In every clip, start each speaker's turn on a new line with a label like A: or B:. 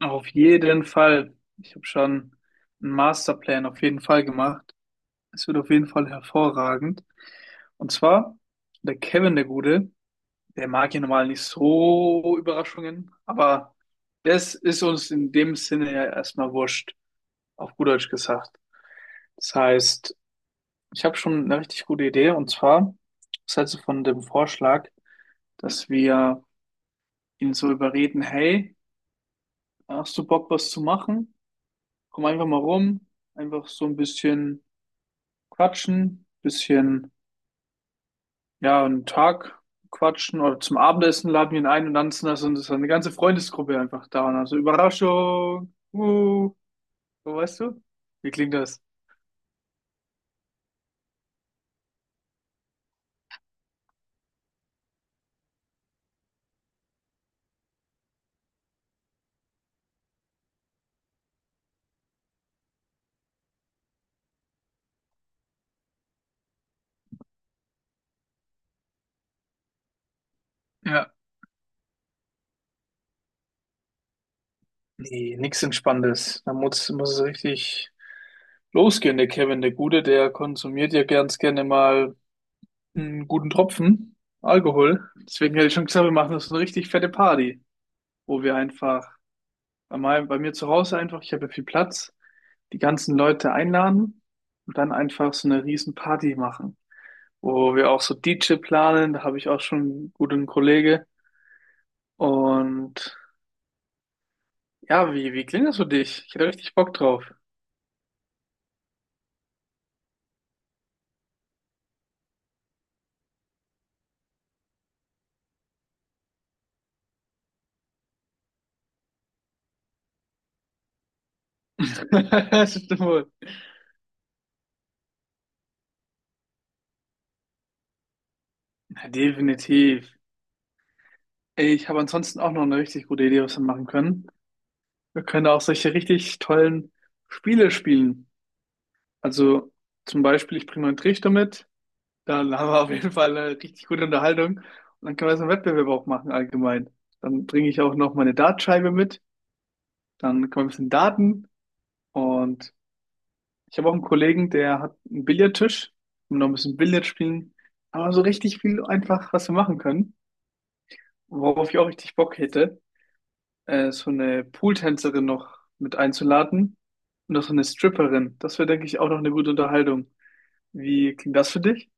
A: Auf jeden Fall. Ich habe schon einen Masterplan auf jeden Fall gemacht. Es wird auf jeden Fall hervorragend. Und zwar, der Kevin, der Gute, der mag ja normal nicht so Überraschungen, aber das ist uns in dem Sinne ja erstmal wurscht, auf gut Deutsch gesagt. Das heißt, ich habe schon eine richtig gute Idee, und zwar, was hältst du von dem Vorschlag, dass wir ihn so überreden? Hey, hast du Bock, was zu machen? Komm einfach mal rum, einfach so ein bisschen quatschen, bisschen, ja, einen Tag quatschen oder zum Abendessen laden wir ihn ein und dann sind das, und das ist eine ganze Freundesgruppe einfach da. Und also Überraschung, so, weißt du? Wie klingt das? Ja, nee, nichts Entspanntes. Da muss es richtig losgehen. Der Kevin, der Gute, der konsumiert ja ganz gerne mal einen guten Tropfen Alkohol. Deswegen hätte ich schon gesagt, wir machen das eine richtig fette Party, wo wir einfach einmal bei mir zu Hause einfach, ich habe ja viel Platz, die ganzen Leute einladen und dann einfach so eine riesen Party machen, wo wir auch so DJ planen, da habe ich auch schon einen guten Kollege. Und ja, wie klingt das für dich? Ich hätte richtig Bock drauf. Das stimmt wohl. Ja, definitiv. Ey, ich habe ansonsten auch noch eine richtig gute Idee, was wir machen können. Wir können auch solche richtig tollen Spiele spielen. Also zum Beispiel, ich bringe meinen Trichter mit. Dann haben wir auf jeden Fall eine richtig gute Unterhaltung. Und dann können wir so einen Wettbewerb auch machen allgemein. Dann bringe ich auch noch meine Dartscheibe mit. Dann können wir ein bisschen daten. Und ich habe auch einen Kollegen, der hat einen Billardtisch. Und noch ein bisschen Billard spielen. Aber so richtig viel einfach, was wir machen können. Worauf ich auch richtig Bock hätte, so eine Pooltänzerin noch mit einzuladen. Und auch so eine Stripperin. Das wäre, denke ich, auch noch eine gute Unterhaltung. Wie klingt das für dich?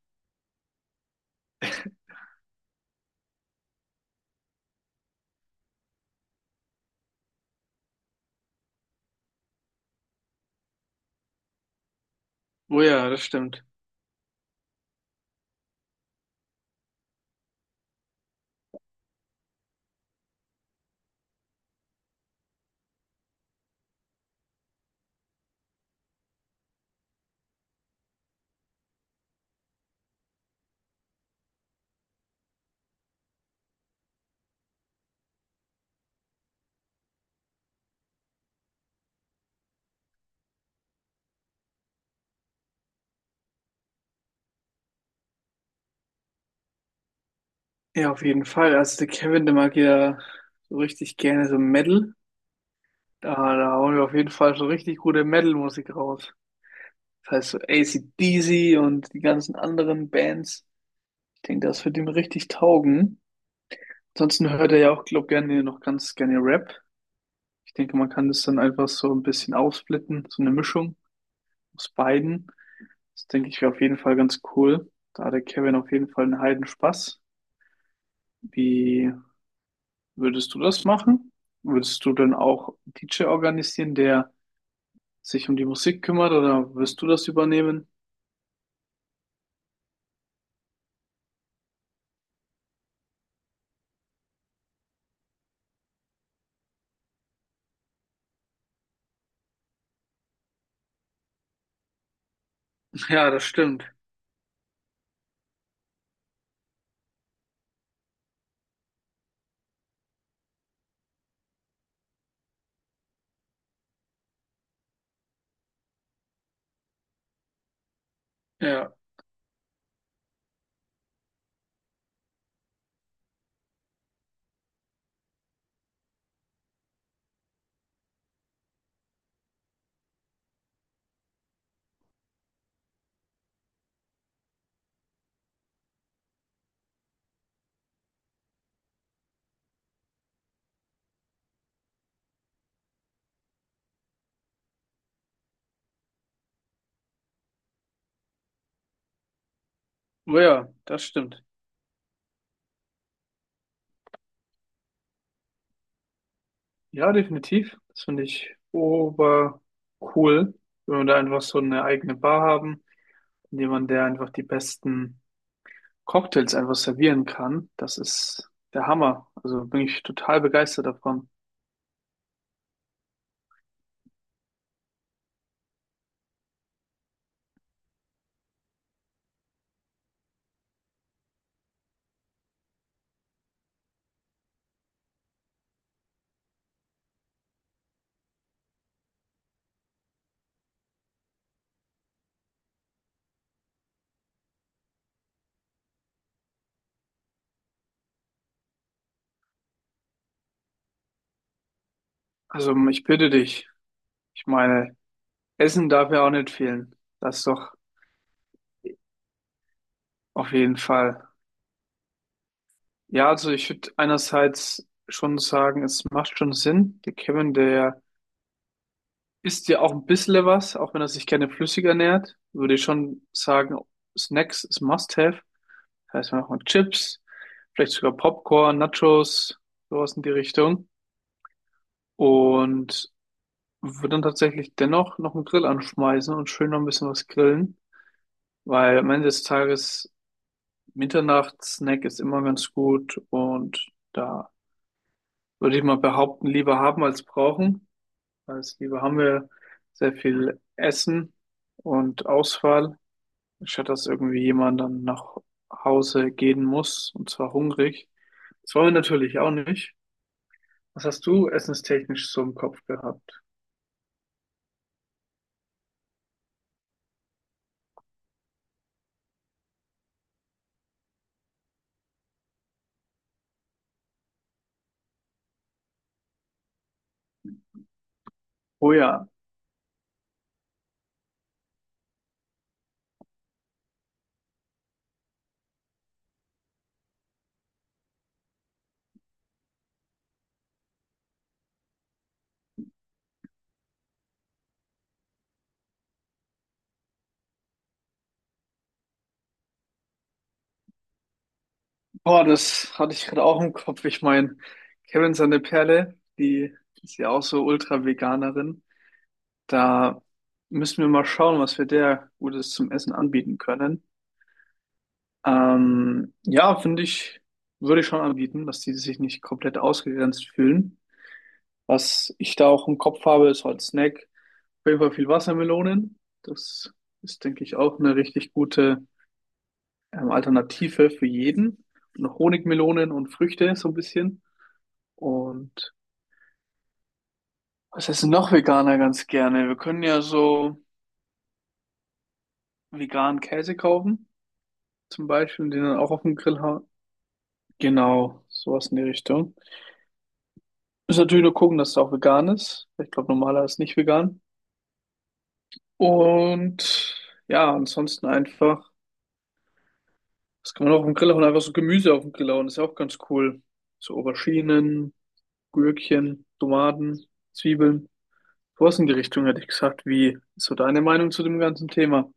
A: Oh ja, das stimmt. Ja, auf jeden Fall. Also der Kevin, der mag ja so richtig gerne so Metal. Da hauen wir auf jeden Fall so richtig gute Metal-Musik raus. Das heißt so AC/DC und die ganzen anderen Bands. Ich denke, das wird ihm richtig taugen. Ansonsten hört er ja auch, glaube ich, gerne noch ganz gerne Rap. Ich denke, man kann das dann einfach so ein bisschen aufsplitten, so eine Mischung aus beiden. Das denke ich wäre auf jeden Fall ganz cool. Da hat der Kevin auf jeden Fall einen heiden Spaß. Wie Würdest du das machen? Würdest du dann auch DJ organisieren, der sich um die Musik kümmert, oder wirst du das übernehmen? Ja, das stimmt. Ja, oh ja, das stimmt. Ja, definitiv. Das finde ich ober cool, wenn wir da einfach so eine eigene Bar haben und jemand, der einfach die besten Cocktails einfach servieren kann. Das ist der Hammer. Also bin ich total begeistert davon. Also ich bitte dich, ich meine, Essen darf ja auch nicht fehlen. Das ist doch auf jeden Fall. Ja, also ich würde einerseits schon sagen, es macht schon Sinn. Der Kevin, der isst ja auch ein bisschen was, auch wenn er sich gerne flüssig ernährt. Würde ich schon sagen, Snacks ist Must-have. Das heißt, wir machen Chips, vielleicht sogar Popcorn, Nachos, sowas in die Richtung. Und würde dann tatsächlich dennoch noch einen Grill anschmeißen und schön noch ein bisschen was grillen, weil am Ende des Tages Mitternachtssnack ist immer ganz gut und da würde ich mal behaupten, lieber haben als brauchen. Als Liebe haben wir sehr viel Essen und Auswahl, statt dass irgendwie jemand dann nach Hause gehen muss, und zwar hungrig. Das wollen wir natürlich auch nicht. Was hast du essenstechnisch so im Kopf gehabt? Oh ja, boah, das hatte ich gerade auch im Kopf. Ich meine, Kevin seine Perle, die ist ja auch so Ultra-Veganerin. Da müssen wir mal schauen, was wir der Gutes zum Essen anbieten können. Ja, finde ich, würde ich schon anbieten, dass die sich nicht komplett ausgegrenzt fühlen. Was ich da auch im Kopf habe, ist halt Snack. Auf jeden Fall viel Wassermelonen. Das ist, denke ich, auch eine richtig gute Alternative für jeden. Und noch Honigmelonen und Früchte so ein bisschen. Und was essen noch Veganer ganz gerne? Wir können ja so veganen Käse kaufen, zum Beispiel, den dann auch auf dem Grill hauen. Genau, sowas in die Richtung. Müssen natürlich nur gucken, dass es auch vegan ist. Ich glaube, normaler ist nicht vegan. Und ja, ansonsten einfach, das kann man auch auf dem Grill hauen? Einfach so Gemüse auf dem Grill hauen, ist ja auch ganz cool. So Auberginen, Gürkchen, Tomaten, Zwiebeln. Sowas in die Richtung hätte ich gesagt. Wie ist so deine Meinung zu dem ganzen Thema?